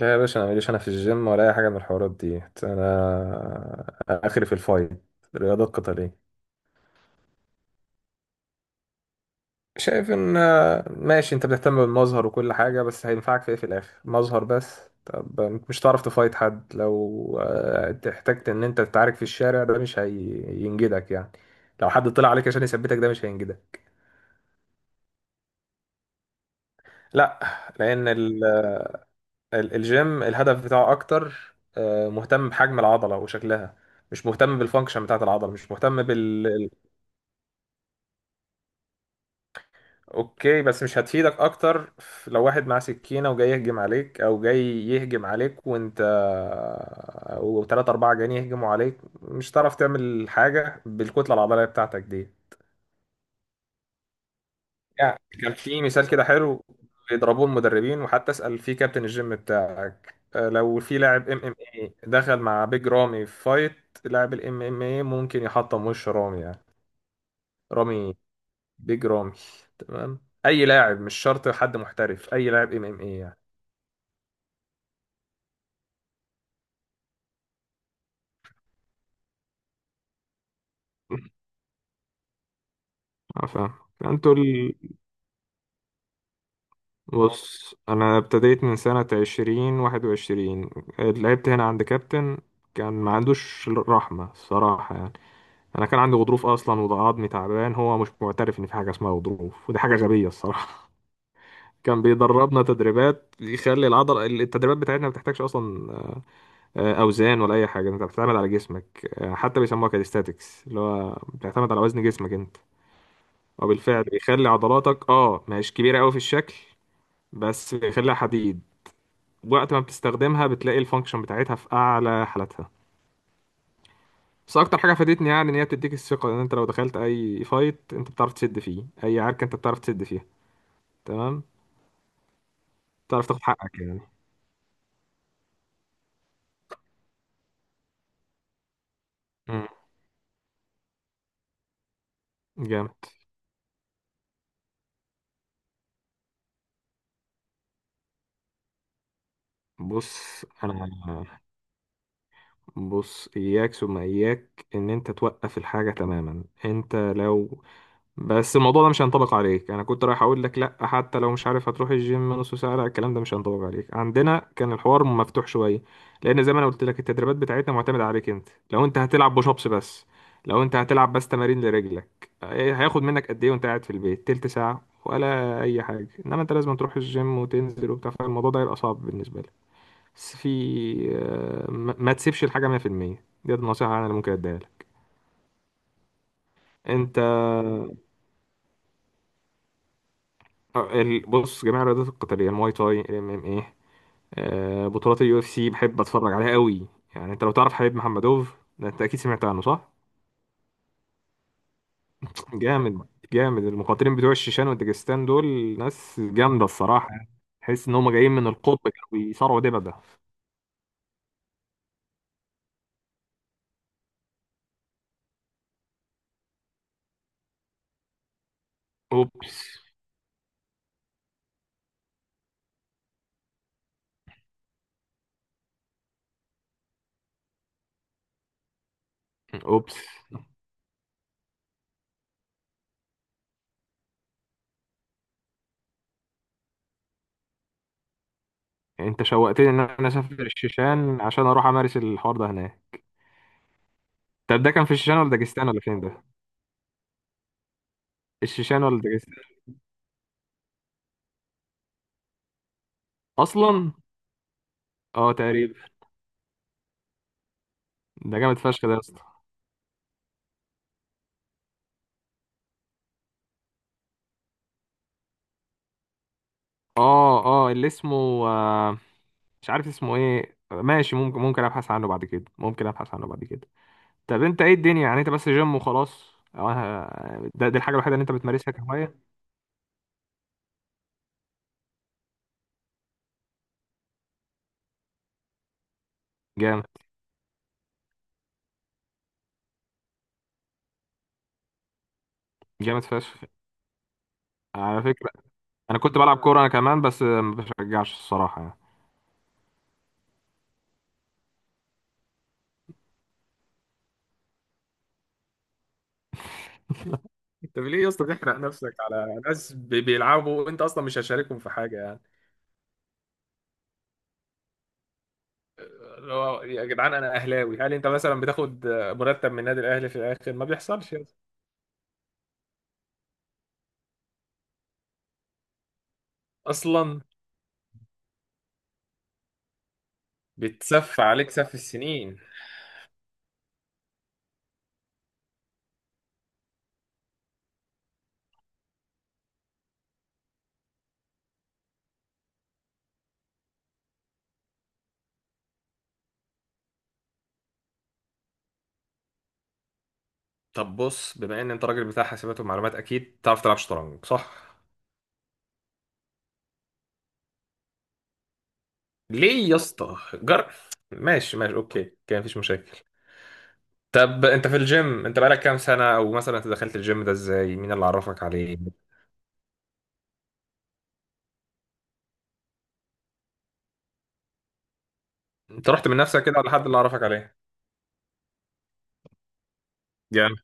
لا يا باشا، انا ماليش، انا في الجيم ولا اي حاجه من الحوارات دي، انا اخري في الفايت. الرياضات القتاليه. شايف ان ماشي، انت بتهتم بالمظهر وكل حاجه، بس هينفعك في ايه؟ في الاخر مظهر بس. طب، مش هتعرف تفايت حد لو احتجت ان انت تتعارك في الشارع، ده مش هينجدك يعني. لو حد طلع عليك عشان يثبتك ده مش هينجدك. لا. لان الجيم الهدف بتاعه اكتر، مهتم بحجم العضله وشكلها. مش مهتم بالفانكشن بتاعت العضله، مش مهتم. اوكي، بس مش هتفيدك اكتر. لو واحد معاه سكينة وجاي يهجم عليك، او جاي يهجم عليك وانت وتلاتة اربعة جايين يهجموا عليك، مش هتعرف تعمل حاجة بالكتلة العضلية بتاعتك دي. يعني كان في مثال كده حلو، بيضربوه المدربين، وحتى اسأل في كابتن الجيم بتاعك. لو في لاعب ام ام اي دخل مع بيج رامي في فايت، لاعب الام ام اي ممكن يحطم وش رامي يعني. رامي، بيج رامي. تمام. اي لاعب، مش شرط حد محترف، اي لاعب ام ام اي يعني. اه، فاهم. انتوا ال... بص، انا ابتديت من سنة 2021. لعبت هنا عند كابتن. كان ما عندوش رحمة الصراحة يعني. انا كان عندي غضروف اصلا وعظمي تعبان، هو مش معترف ان في حاجة اسمها غضروف، ودي حاجة غبية الصراحة. كان بيدربنا تدريبات يخلي العضل، التدريبات بتاعتنا ما بتحتاجش اصلا. اوزان ولا اي حاجه، انت بتعتمد على جسمك. حتى بيسموها كاليستاتكس، اللي هو بتعتمد على وزن جسمك انت. وبالفعل بيخلي عضلاتك مش كبيره قوي في الشكل، بس خليها حديد. وقت ما بتستخدمها بتلاقي الفانكشن بتاعتها في اعلى حالاتها. بس اكتر حاجه فادتني يعني، ان هي بتديك الثقه ان انت لو دخلت اي فايت انت بتعرف تسد فيه، اي عركه انت بتعرف تسد فيها. تمام. بتعرف تاخد حقك يعني. مم. جامد. بص انا بص، اياك ثم اياك ان انت توقف الحاجه تماما، انت لو. بس الموضوع ده مش هينطبق عليك، انا كنت رايح اقول لك لا حتى لو مش عارف هتروح الجيم نص ساعه، لا الكلام ده مش هينطبق عليك، عندنا كان الحوار مفتوح شويه. لان زي ما انا قلت لك التدريبات بتاعتنا معتمده عليك انت، لو انت هتلعب بوش ابس بس. لو انت هتلعب بس تمارين لرجلك، إيه هياخد منك قد ايه وانت قاعد في البيت تلت ساعه ولا اي حاجه؟ انما انت لازم تروح الجيم وتنزل وبتاع، فالموضوع ده هيبقى صعب بالنسبه لك. بس في. ما تسيبش الحاجه 100%. دي النصيحه انا اللي ممكن اديها لك. انت. بص، جميع الرياضات القتاليه، المواي تاي، الام ام ايه. بطولات اليو اف سي بحب اتفرج عليها قوي. يعني انت لو تعرف حبيب محمدوف ده، انت اكيد سمعت عنه صح؟ جامد. جامد المقاتلين بتوع الشيشان والداجستان دول. ناس جامده الصراحه. تحس ان هم جايين من القطب كانوا بيصارعوا دبابه. اوبس. اوبس. انت شوقتني ان انا اسافر الشيشان عشان اروح امارس الحوار ده هناك. طب ده كان في الشيشان ولا داجستان ولا فين ده؟ الشيشان ولا داجستان؟ اصلا؟ اه، تقريبا. ده جامد فشخ ده. اه، اه، اللي اسمه، آه مش عارف اسمه ايه، ماشي، ممكن ابحث عنه بعد كده، ممكن ابحث عنه بعد كده. طب انت ايه الدنيا يعني، انت بس جيم وخلاص؟ آه، ده دي الحاجه الوحيده اللي انت بتمارسها كهوايه؟ جامد. جامد فشخ. على فكره، انا كنت بلعب كوره انا كمان، بس ما بشجعش الصراحه يعني. انت ليه يا اسطى تحرق نفسك على ناس بيلعبوا وانت اصلا مش هشاركهم في حاجه يعني؟ اللي هو يا جدعان، انا اهلاوي، هل انت مثلا بتاخد مرتب من النادي الاهلي في الاخر؟ ما بيحصلش يا اسطى. اصلا. بتسف عليك سف السنين. طب بص، بما ان انت راجل بتاع حاسبات ومعلومات، اكيد تعرف تلعب شطرنج صح؟ ليه يا اسطى ماشي، ماشي، اوكي، كان مفيش مشاكل. طب انت في الجيم، انت بقالك كام سنة؟ او مثلا انت دخلت الجيم ده ازاي؟ مين اللي عرفك عليه؟ انت رحت من نفسك كده ولا حد اللي عرفك عليه؟ يعني.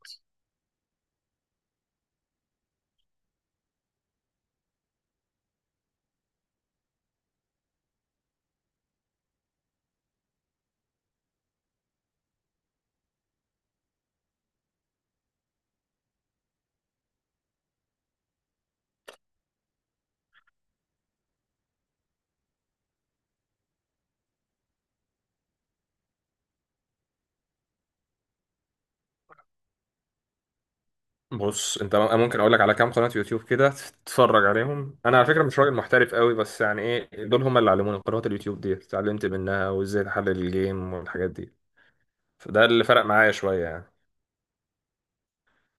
بص، انت ممكن اقول لك على كام قناة يوتيوب كده تتفرج عليهم. انا على فكرة مش راجل محترف قوي بس، يعني ايه، دول هم اللي علموني، قنوات اليوتيوب دي اتعلمت منها وازاي تحلل الجيم والحاجات دي. فده اللي فرق معايا شوية يعني.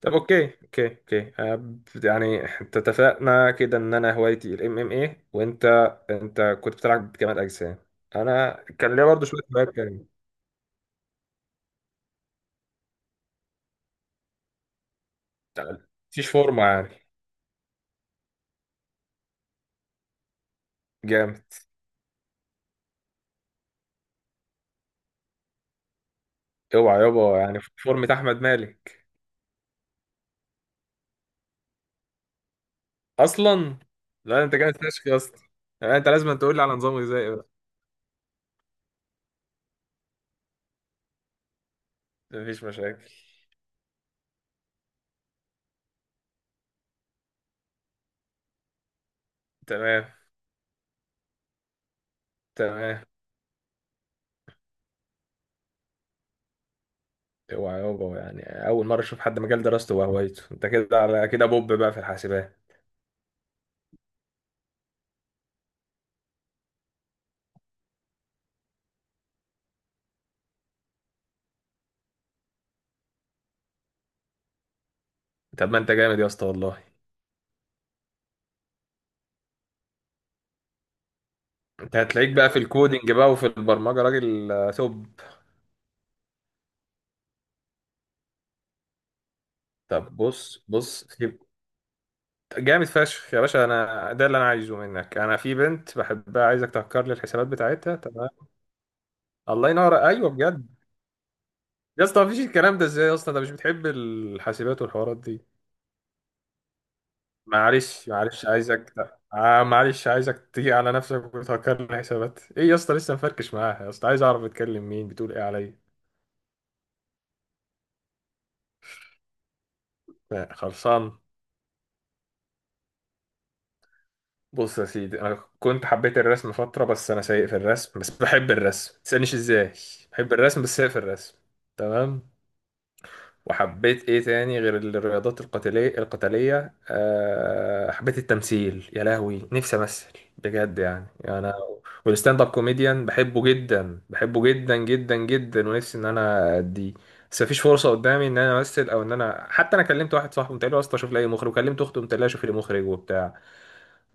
طب، اوكي، اوكي، اوكي، يعني انت اتفقنا كده ان انا هوايتي الام ام اي، وانت، انت كنت بتلعب كمال اجسام. انا كان ليا برضه شويه هوايات تانية. مفيش فورمه يعني؟ جامد. اوعى يابا، يعني فورمه احمد مالك؟ اصلا؟ لا، انت جامد فشخ يا اسطى. يعني انت لازم تقول لي على نظام غذائي بقى. مفيش مشاكل. تمام. تمام. اوعى يابا، يعني اول مره اشوف حد مجال دراسته وهوايته، انت كده على كده بوب بقى في الحاسبات. طب ما انت جامد يا اسطى والله. انت هتلاقيك بقى في الكودينج بقى وفي البرمجه، راجل توب. طب بص، بص. جامد فشخ يا باشا، انا ده اللي انا عايزه منك. انا في بنت بحبها، عايزك تهكر لي الحسابات بتاعتها، تمام؟ الله ينور، ايوه بجد. يا اسطى مفيش الكلام ده ازاي يا اسطى؟ انت مش بتحب الحاسبات والحوارات دي؟ معلش، معلش، عايزك. معلش، عايزك تيجي على نفسك وتهكر لي الحسابات. ايه يا اسطى، لسه مفركش معاها يا اسطى؟ عايز اعرف بتكلم مين، بتقول ايه عليا. خلصان. بص يا سيدي، انا كنت حبيت الرسم فتره، بس انا سيء في الرسم، بس بحب الرسم، ما تسالنيش ازاي. بحب الرسم بس سيء في الرسم. تمام. وحبيت ايه تاني غير الرياضات القتاليه. أه، حبيت التمثيل، يا لهوي نفسي امثل بجد يعني انا. والستاند اب كوميديان بحبه جدا، بحبه جدا جدا جدا، ونفسي ان انا اديه. بس مفيش فرصه قدامي ان انا امثل، او ان انا حتى، انا كلمت واحد صاحبي قلت له يا اسطى شوف لي أي مخرج، وكلمت اخته قلت لها شوف لي مخرج وبتاع،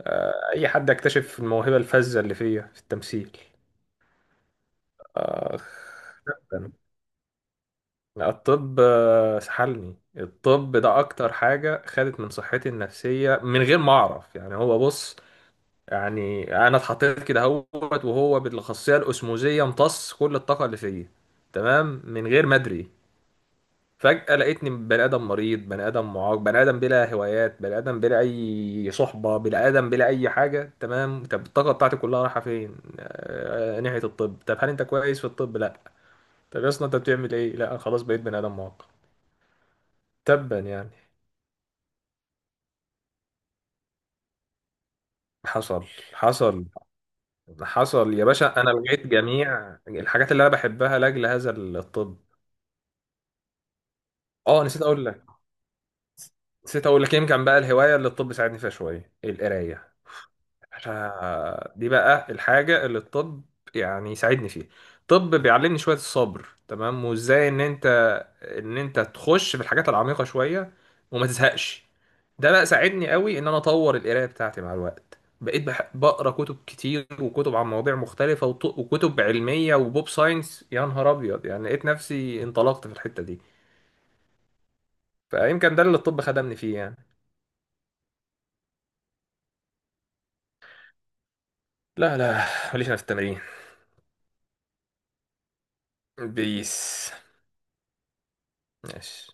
اي حد يكتشف الموهبه الفذه اللي فيا في التمثيل. اخ. الطب سحلني، الطب ده اكتر حاجه خدت من صحتي النفسيه من غير ما اعرف يعني. هو بص، يعني انا اتحطيت كده اهوت، وهو بالاخصائيه الاسموزيه امتص كل الطاقه اللي فيا. تمام، من غير ما ادري. فجأة لقيتني بني آدم مريض، بني آدم معاق، بني آدم بلا هوايات، بني آدم بلا أي صحبة، بني آدم بلا أي حاجة. تمام، طب الطاقة بتاعتي كلها رايحة فين؟ ناحية الطب. طب هل أنت كويس في الطب؟ لأ. طب يا اسطى أنت بتعمل إيه؟ لأ، أنا خلاص بقيت بني آدم معاق. تبا يعني. حصل. حصل. حصل يا باشا، أنا لقيت جميع الحاجات اللي أنا بحبها لأجل هذا الطب. أه، نسيت أقول لك. نسيت أقول لك، يمكن بقى الهواية اللي الطب ساعدني فيها شوية، القراية. احنا دي بقى الحاجة اللي الطب يعني يساعدني فيها. الطب بيعلمني شوية الصبر، تمام، وازاي ان انت، ان انت تخش في الحاجات العميقة شوية وما تزهقش. ده بقى ساعدني قوي ان انا اطور القراية بتاعتي، مع الوقت بقيت بقرا كتب كتير، وكتب عن مواضيع مختلفة، وكتب علمية وبوب ساينس، يا نهار ابيض يعني، لقيت نفسي انطلقت في الحتة دي. فيمكن ده اللي الطب خدمني فيه يعني. لا، لا. ماليش انا في التمرين. بيس. ماشي.